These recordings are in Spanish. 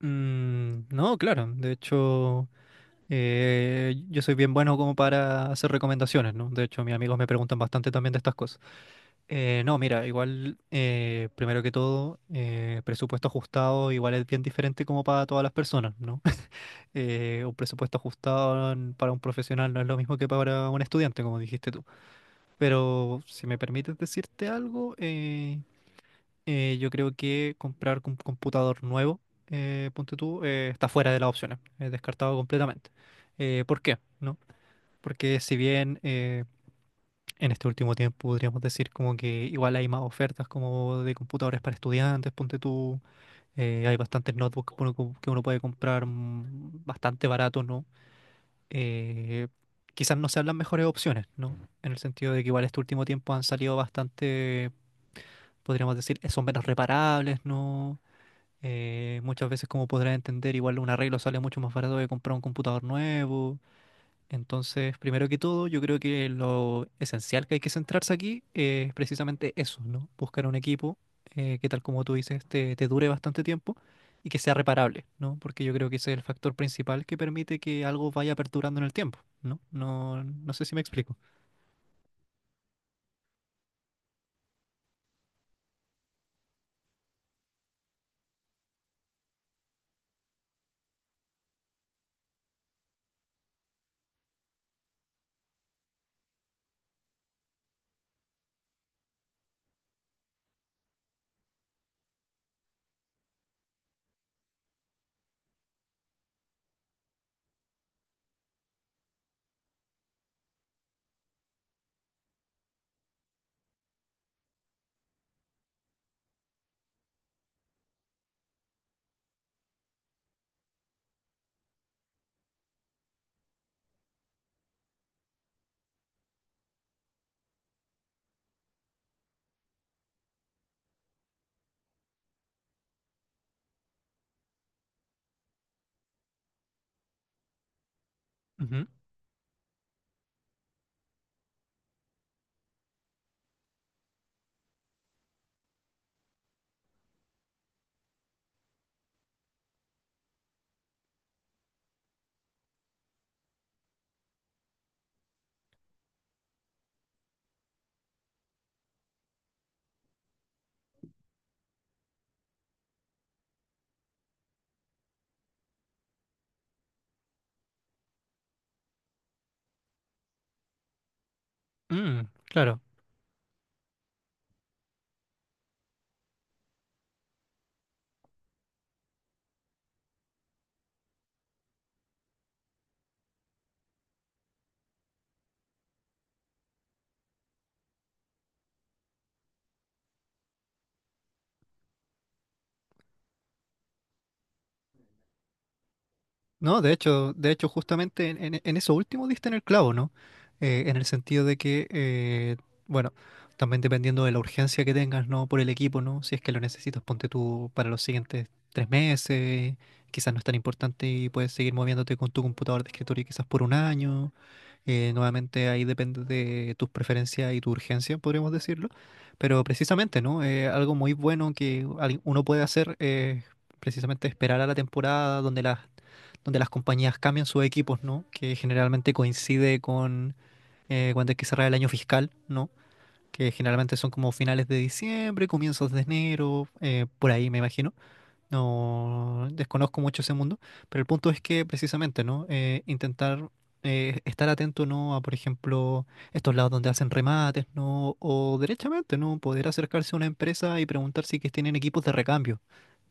Mm, no, claro. De hecho, yo soy bien bueno como para hacer recomendaciones, ¿no? De hecho, mis amigos me preguntan bastante también de estas cosas. No, mira, igual, primero que todo, presupuesto ajustado igual es bien diferente como para todas las personas, ¿no? Un presupuesto ajustado para un profesional no es lo mismo que para un estudiante, como dijiste tú. Pero si me permites decirte algo, yo creo que comprar un computador nuevo, ponte tú, está fuera de las opciones, es descartado completamente. ¿Por qué? ¿No? Porque si bien en este último tiempo podríamos decir como que igual hay más ofertas como de computadores para estudiantes, ponte tú, hay bastantes notebooks que que uno puede comprar bastante barato, ¿no? Eh, Quizás no sean las mejores opciones, ¿no? En el sentido de que igual este último tiempo han salido bastante, podríamos decir, son menos reparables, ¿no? Muchas veces, como podrás entender, igual un arreglo sale mucho más barato que comprar un computador nuevo. Entonces, primero que todo, yo creo que lo esencial que hay que centrarse aquí es precisamente eso, ¿no? Buscar un equipo que, tal como tú dices, te dure bastante tiempo y que sea reparable, ¿no? Porque yo creo que ese es el factor principal que permite que algo vaya perdurando en el tiempo, ¿no? No, no sé si me explico. Ujú. Mm, claro. No, de hecho, justamente en eso último diste en el clavo, ¿no? En el sentido de que, bueno, también dependiendo de la urgencia que tengas, ¿no? Por el equipo, ¿no? Si es que lo necesitas, ponte tú para los siguientes 3 meses, quizás no es tan importante y puedes seguir moviéndote con tu computador de escritorio quizás por un año. Nuevamente ahí depende de tus preferencias y tu urgencia, podríamos decirlo. Pero precisamente, ¿no? Algo muy bueno que uno puede hacer es precisamente esperar a la temporada donde las compañías cambian sus equipos, ¿no? Que generalmente coincide con cuando hay que cerrar el año fiscal, ¿no? Que generalmente son como finales de diciembre, comienzos de enero, por ahí me imagino. No desconozco mucho ese mundo, pero el punto es que precisamente, ¿no? Intentar estar atento, ¿no? A, por ejemplo, estos lados donde hacen remates, ¿no? O derechamente, ¿no? Poder acercarse a una empresa y preguntar si que tienen equipos de recambio,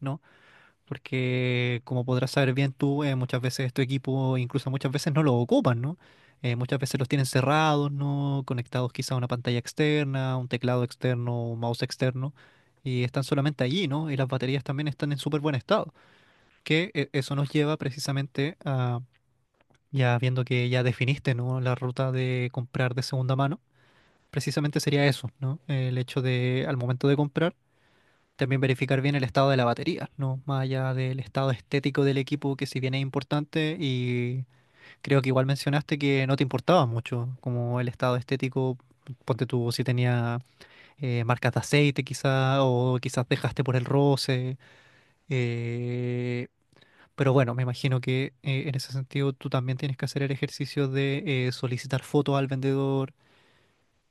¿no? Porque como podrás saber bien tú, muchas veces tu equipo, incluso muchas veces no lo ocupan, ¿no? Muchas veces los tienen cerrados, ¿no? Conectados quizá a una pantalla externa, un teclado externo, un mouse externo, y están solamente allí, ¿no? Y las baterías también están en súper buen estado, que eso nos lleva precisamente a, ya viendo que ya definiste, ¿no? La ruta de comprar de segunda mano, precisamente sería eso, ¿no? El hecho de, al momento de comprar, también verificar bien el estado de la batería, ¿no? Más allá del estado estético del equipo, que si bien es importante, y creo que igual mencionaste que no te importaba mucho como el estado estético, ponte tú si tenía marcas de aceite quizá, o quizás dejaste por el roce, eh, pero bueno, me imagino que en ese sentido tú también tienes que hacer el ejercicio de solicitar fotos al vendedor,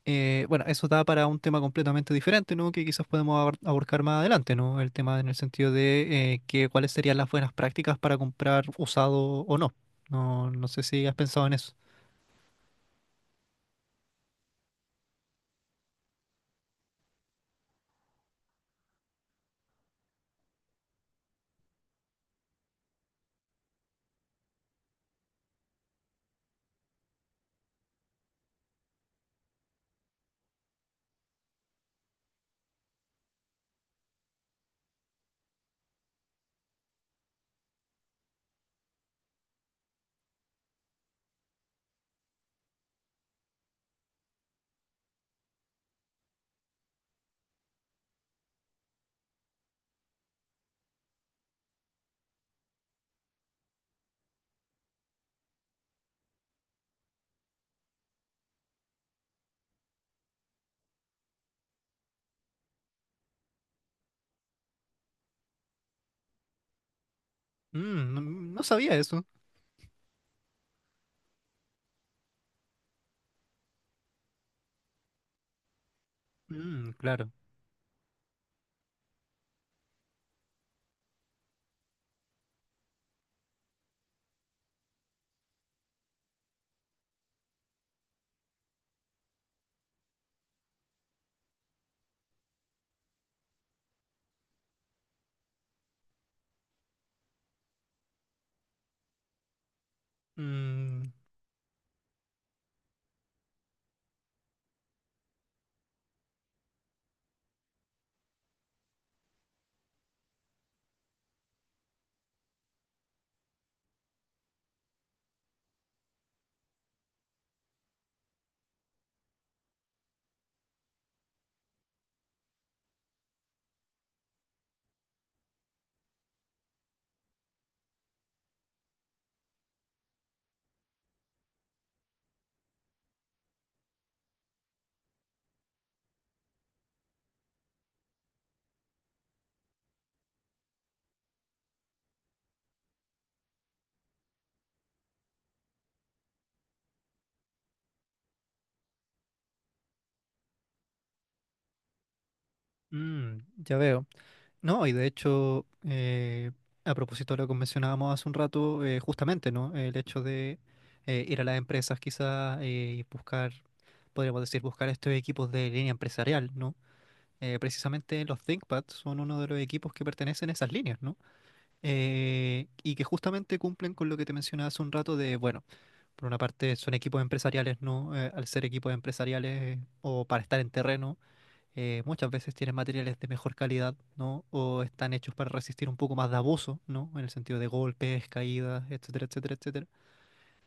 bueno, eso da para un tema completamente diferente, ¿no? Que quizás podemos abordar más adelante, ¿no? El tema en el sentido de que cuáles serían las buenas prácticas para comprar usado o no. No, no sé si has pensado en eso. Mm, no, no sabía eso. Mm, claro. Mm, mm, ya veo. No, y de hecho, a propósito de lo que mencionábamos hace un rato, justamente, ¿no? El hecho de ir a las empresas quizás y buscar, podríamos decir, buscar estos equipos de línea empresarial, ¿no? Precisamente los ThinkPads son uno de los equipos que pertenecen a esas líneas, ¿no? Y que justamente cumplen con lo que te mencionaba hace un rato de, bueno, por una parte son equipos empresariales, ¿no? Al ser equipos empresariales o para estar en terreno, muchas veces tienen materiales de mejor calidad, ¿no? O están hechos para resistir un poco más de abuso, ¿no? En el sentido de golpes, caídas, etcétera, etcétera, etcétera.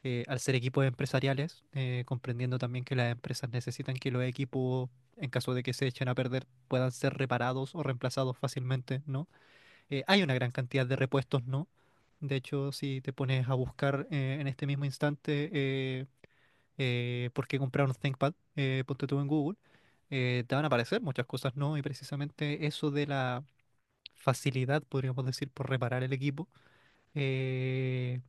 Al ser equipos empresariales, comprendiendo también que las empresas necesitan que los equipos, en caso de que se echen a perder, puedan ser reparados o reemplazados fácilmente, ¿no? Hay una gran cantidad de repuestos, ¿no? De hecho, si te pones a buscar en este mismo instante por qué comprar un ThinkPad, ponte tú en Google, te van a aparecer muchas cosas, ¿no? Y precisamente eso de la facilidad, podríamos decir, por reparar el equipo, eh,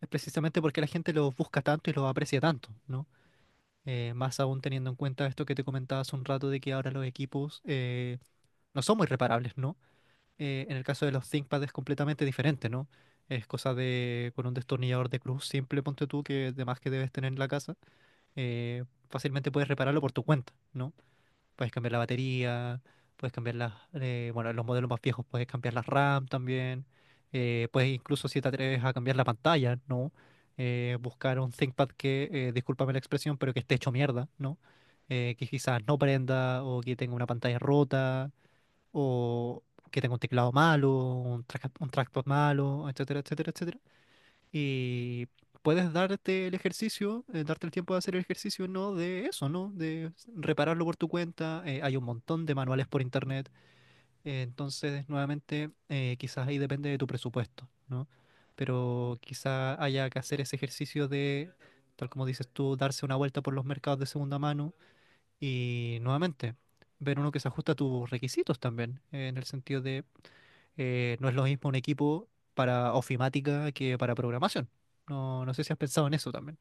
es precisamente porque la gente los busca tanto y los aprecia tanto, ¿no? Más aún teniendo en cuenta esto que te comentaba hace un rato de que ahora los equipos no son muy reparables, ¿no? En el caso de los ThinkPad es completamente diferente, ¿no? Es cosa de con un destornillador de cruz simple, ponte tú, que además que debes tener en la casa, eh, fácilmente puedes repararlo por tu cuenta, ¿no? Puedes cambiar la batería, puedes bueno, en los modelos más viejos puedes cambiar las RAM también. Puedes incluso si te atreves a cambiar la pantalla, ¿no? Buscar un ThinkPad que, discúlpame la expresión, pero que esté hecho mierda, ¿no? Que quizás no prenda o que tenga una pantalla rota o que tenga un teclado malo, un trackpad malo, etcétera, etcétera, etcétera. Y puedes darte el ejercicio, darte el tiempo de hacer el ejercicio, ¿no? De eso, ¿no? De repararlo por tu cuenta. Hay un montón de manuales por internet. Entonces, nuevamente, quizás ahí depende de tu presupuesto, ¿no? Pero quizás haya que hacer ese ejercicio de, tal como dices tú, darse una vuelta por los mercados de segunda mano y nuevamente ver uno que se ajusta a tus requisitos también, en el sentido de no es lo mismo un equipo para ofimática que para programación. No, no sé si has pensado en eso también.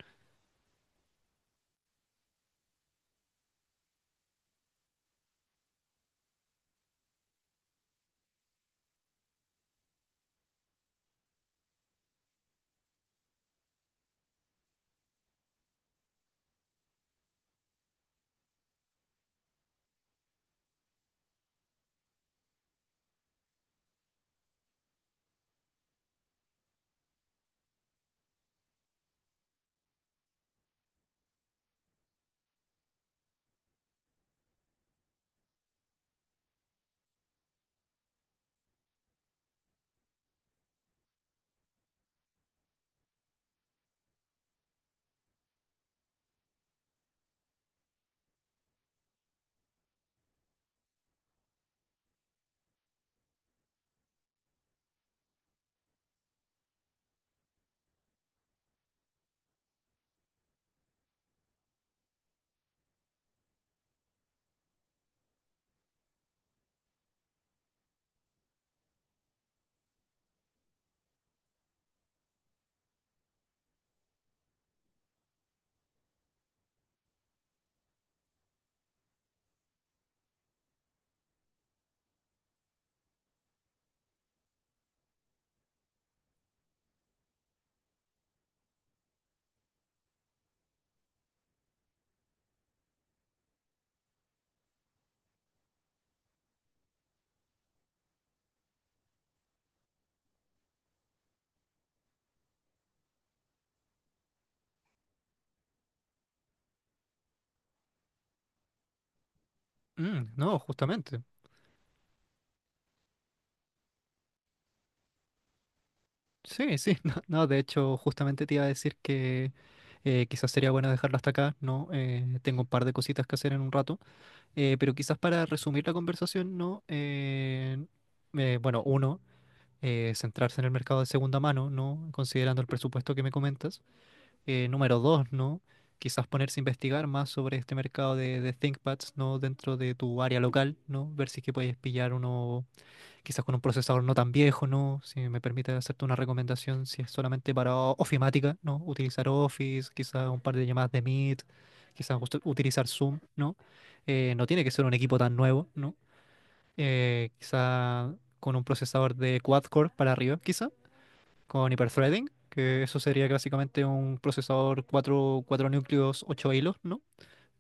Mm, no, justamente. Sí, sí, no, no, de hecho, justamente te iba a decir que quizás sería bueno dejarlo hasta acá, ¿no? Tengo un par de cositas que hacer en un rato. Pero quizás para resumir la conversación, ¿no? Bueno, uno, centrarse en el mercado de segunda mano, ¿no? Considerando el presupuesto que me comentas. Número dos, ¿no? Quizás ponerse a investigar más sobre este mercado de ThinkPads, ¿no? Dentro de tu área local, ¿no? Ver si es que puedes pillar uno, quizás con un procesador no tan viejo, ¿no? Si me permite hacerte una recomendación, si es solamente para ofimática, ¿no? Utilizar Office, quizás un par de llamadas de Meet, quizás utilizar Zoom, ¿no? No tiene que ser un equipo tan nuevo, ¿no? Quizá con un procesador de quad-core para arriba, quizá, con hyperthreading, que eso sería básicamente un procesador cuatro núcleos, 8 hilos, ¿no?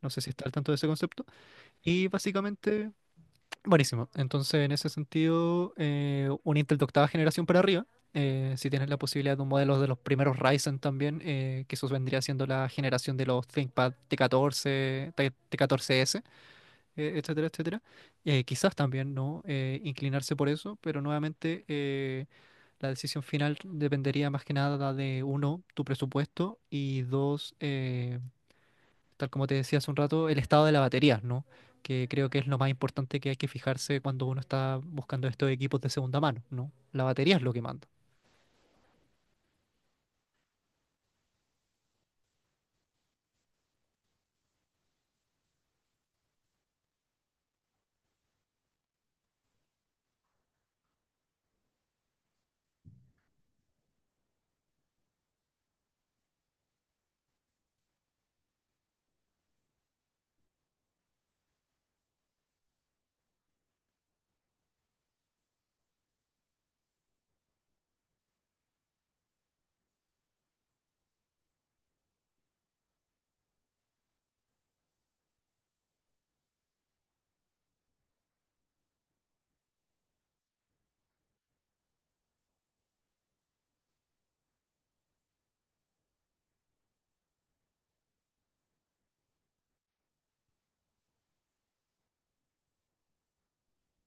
No sé si está al tanto de ese concepto. Y básicamente. Buenísimo. Entonces, en ese sentido, un Intel de octava generación para arriba. Si tienes la posibilidad de un modelo de los primeros Ryzen también, que eso vendría siendo la generación de los ThinkPad T14, T14S, etcétera, etcétera. Quizás también no, inclinarse por eso, pero nuevamente la decisión final dependería más que nada de uno, tu presupuesto y dos, tal como te decía hace un rato, el estado de la batería, ¿no? Que creo que es lo más importante que hay que fijarse cuando uno está buscando estos equipos de segunda mano, ¿no? La batería es lo que manda.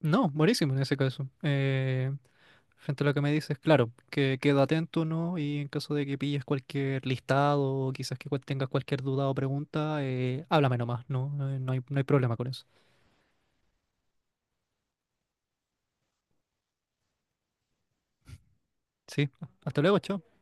No, buenísimo en ese caso. Frente a lo que me dices, claro, que queda atento, ¿no? Y en caso de que pilles cualquier listado o quizás que tengas cualquier duda o pregunta, háblame nomás, ¿no? No hay problema con eso. Sí, hasta luego, chao.